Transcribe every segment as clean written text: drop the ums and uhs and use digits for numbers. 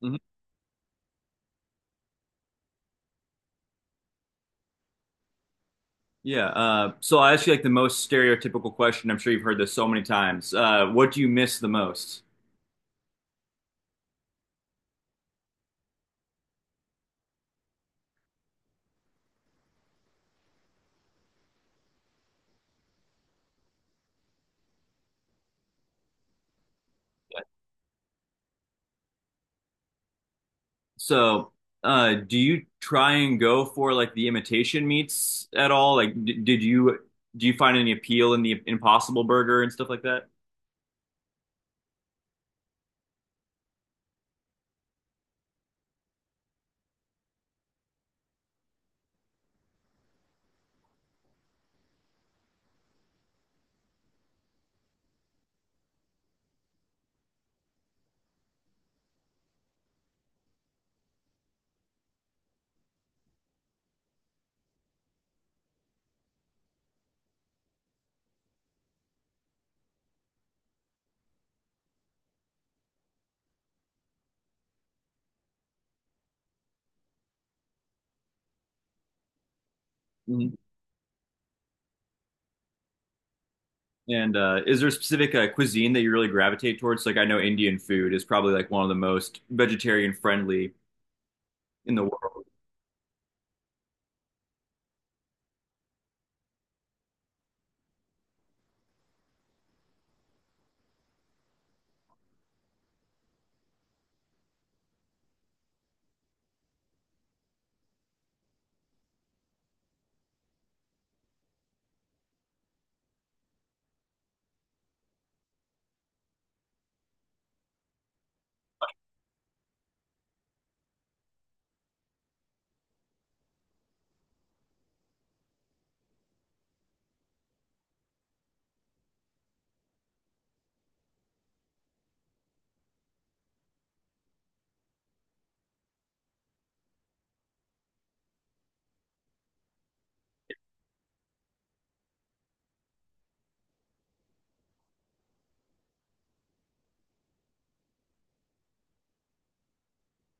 Mhm. Yeah. So I ask you like the most stereotypical question. I'm sure you've heard this so many times. What do you miss the most? So, do you try and go for like the imitation meats at all? Like, d did you do you find any appeal in the Impossible Burger and stuff like that? Mhm. And is there a specific cuisine that you really gravitate towards? Like, I know Indian food is probably like one of the most vegetarian friendly in the world.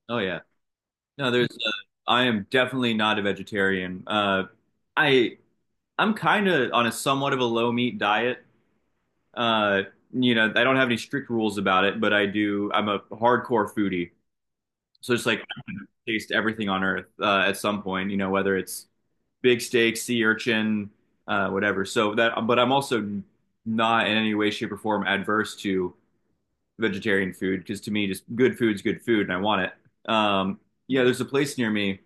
Oh yeah. No, there's. I am definitely not a vegetarian. I I'm kind of on a somewhat of a low meat diet. Uh, you know, I don't have any strict rules about it, but I do. I'm a hardcore foodie, so it's like I taste everything on earth at some point. You know, whether it's big steak, sea urchin, whatever. So that, but I'm also not in any way, shape, or form adverse to vegetarian food because to me, just good food's good food, and I want it. Yeah, there's a place near me,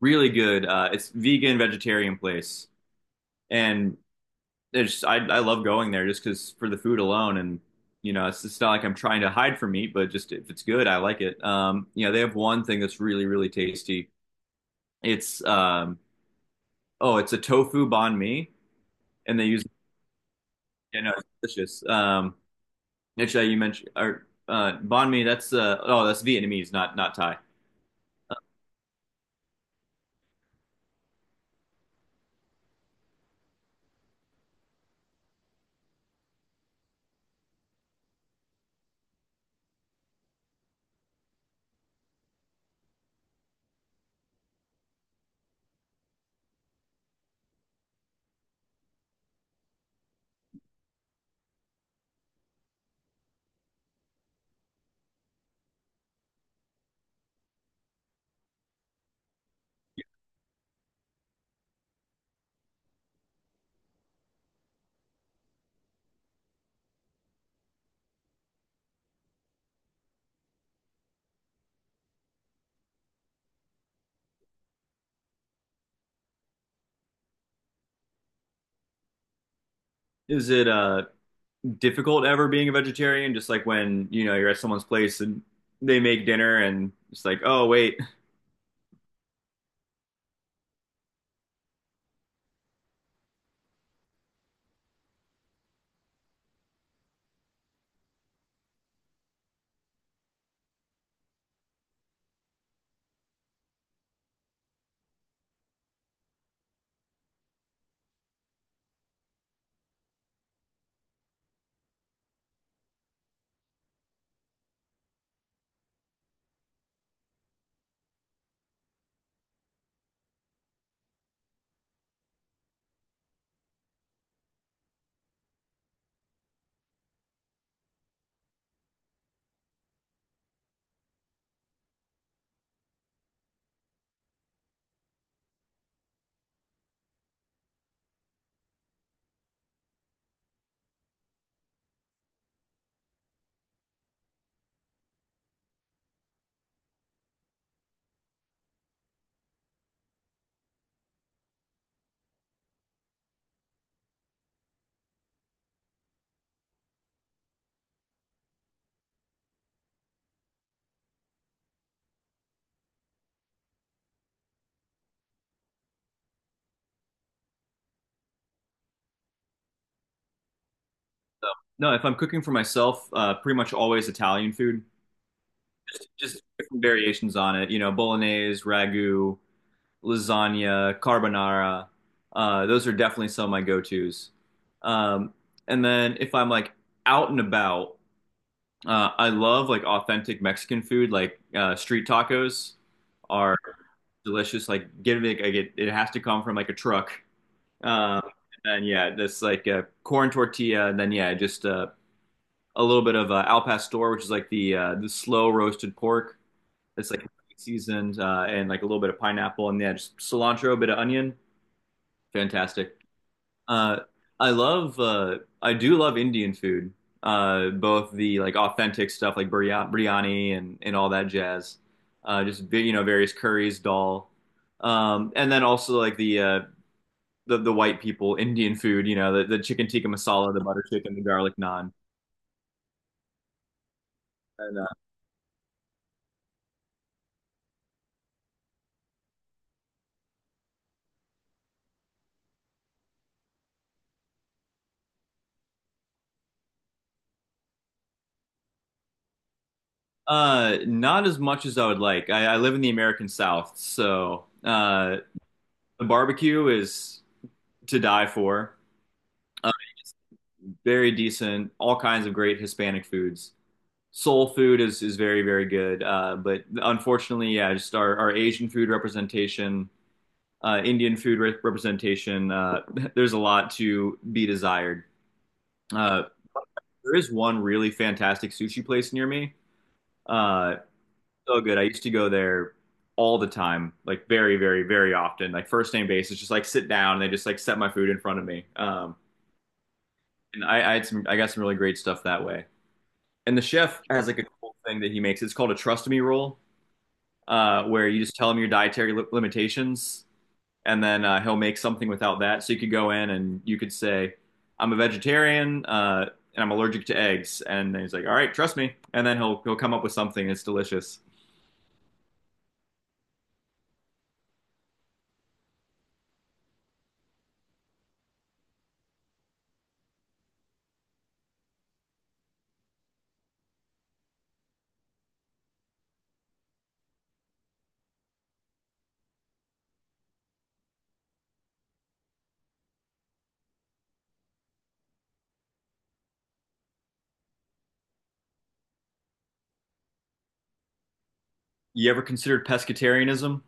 really good. It's vegan vegetarian place, and it's I love going there just because for the food alone, and you know it's not like I'm trying to hide from meat, but just if it's good, I like it. You know they have one thing that's really really tasty. It's oh it's a tofu banh mi, and they use you know it's delicious. Actually you mentioned or banh mi, that's oh that's Vietnamese, not Thai. Is it difficult ever being a vegetarian? Just like when you know you're at someone's place and they make dinner and it's like oh wait. No, if I'm cooking for myself, pretty much always Italian food. Just different variations on it. You know, bolognese, ragu, lasagna, carbonara. Those are definitely some of my go-tos. Um, and then if I'm like out and about, I love like authentic Mexican food. Like street tacos are delicious. Like get it, like, it has to come from like a truck. Um, and then yeah, this like a corn tortilla, and then yeah, just a little bit of al pastor, which is like the slow roasted pork. It's like seasoned and like a little bit of pineapple, and yeah, just cilantro, a bit of onion. Fantastic. Uh, I love I do love Indian food. Both the like authentic stuff like biryani and all that jazz. Just you know various curries, dal, and then also like the white people Indian food. You know the chicken tikka masala, the butter chicken, the garlic naan, and not as much as I would like. I live in the American South, so the barbecue is to die for. Uh, very decent, all kinds of great Hispanic foods. Soul food is very, very good. But unfortunately, yeah, just our Asian food representation, Indian food representation, there's a lot to be desired. Uh, there is one really fantastic sushi place near me. Uh, so good. I used to go there all the time, like very, very, very often. Like first name basis, just like sit down and they just like set my food in front of me. And I had some, I got some really great stuff that way. And the chef has like a cool thing that he makes. It's called a trust me roll, where you just tell him your dietary limitations, and then he'll make something without that. So you could go in and you could say, "I'm a vegetarian and I'm allergic to eggs," and he's like, "All right, trust me," and then he'll come up with something that's delicious. You ever considered pescatarianism?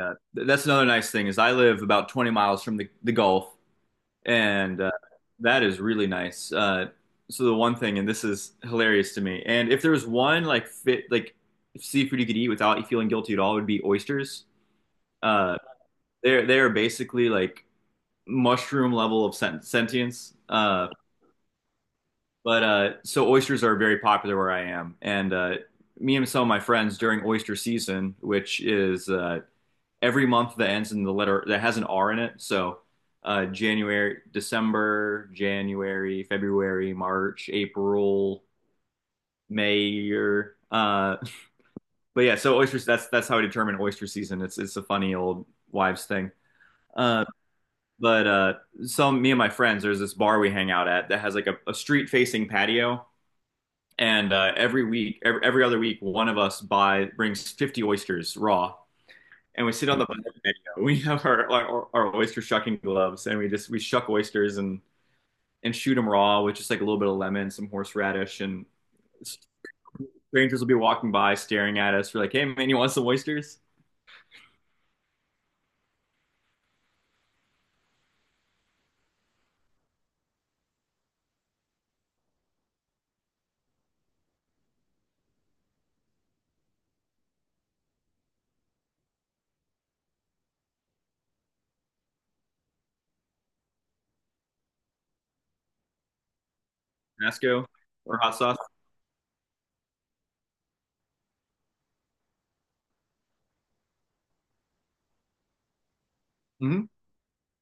Uh, that's another nice thing is I live about 20 miles from the Gulf, and that is really nice. So the one thing, and this is hilarious to me, and if there was one like fit like seafood you could eat without feeling guilty at all, it would be oysters. Uh, they're basically like mushroom level of sentience. But so oysters are very popular where I am, and me and some of my friends during oyster season, which is every month that ends in the letter that has an R in it. So January, December, January, February, March, April, May, or but yeah. So oysters. That's how I determine oyster season. It's a funny old wives thing. Uh, but some Me and my friends, there's this bar we hang out at that has like a street facing patio. And every week, every other week, one of us buy brings 50 oysters raw, and we sit on the patio. We have our, like, our oyster shucking gloves, and we just we shuck oysters and shoot them raw with just like a little bit of lemon, some horseradish, and strangers will be walking by, staring at us. We're like, "Hey, man, you want some oysters? Tabasco or hot sauce?" hmm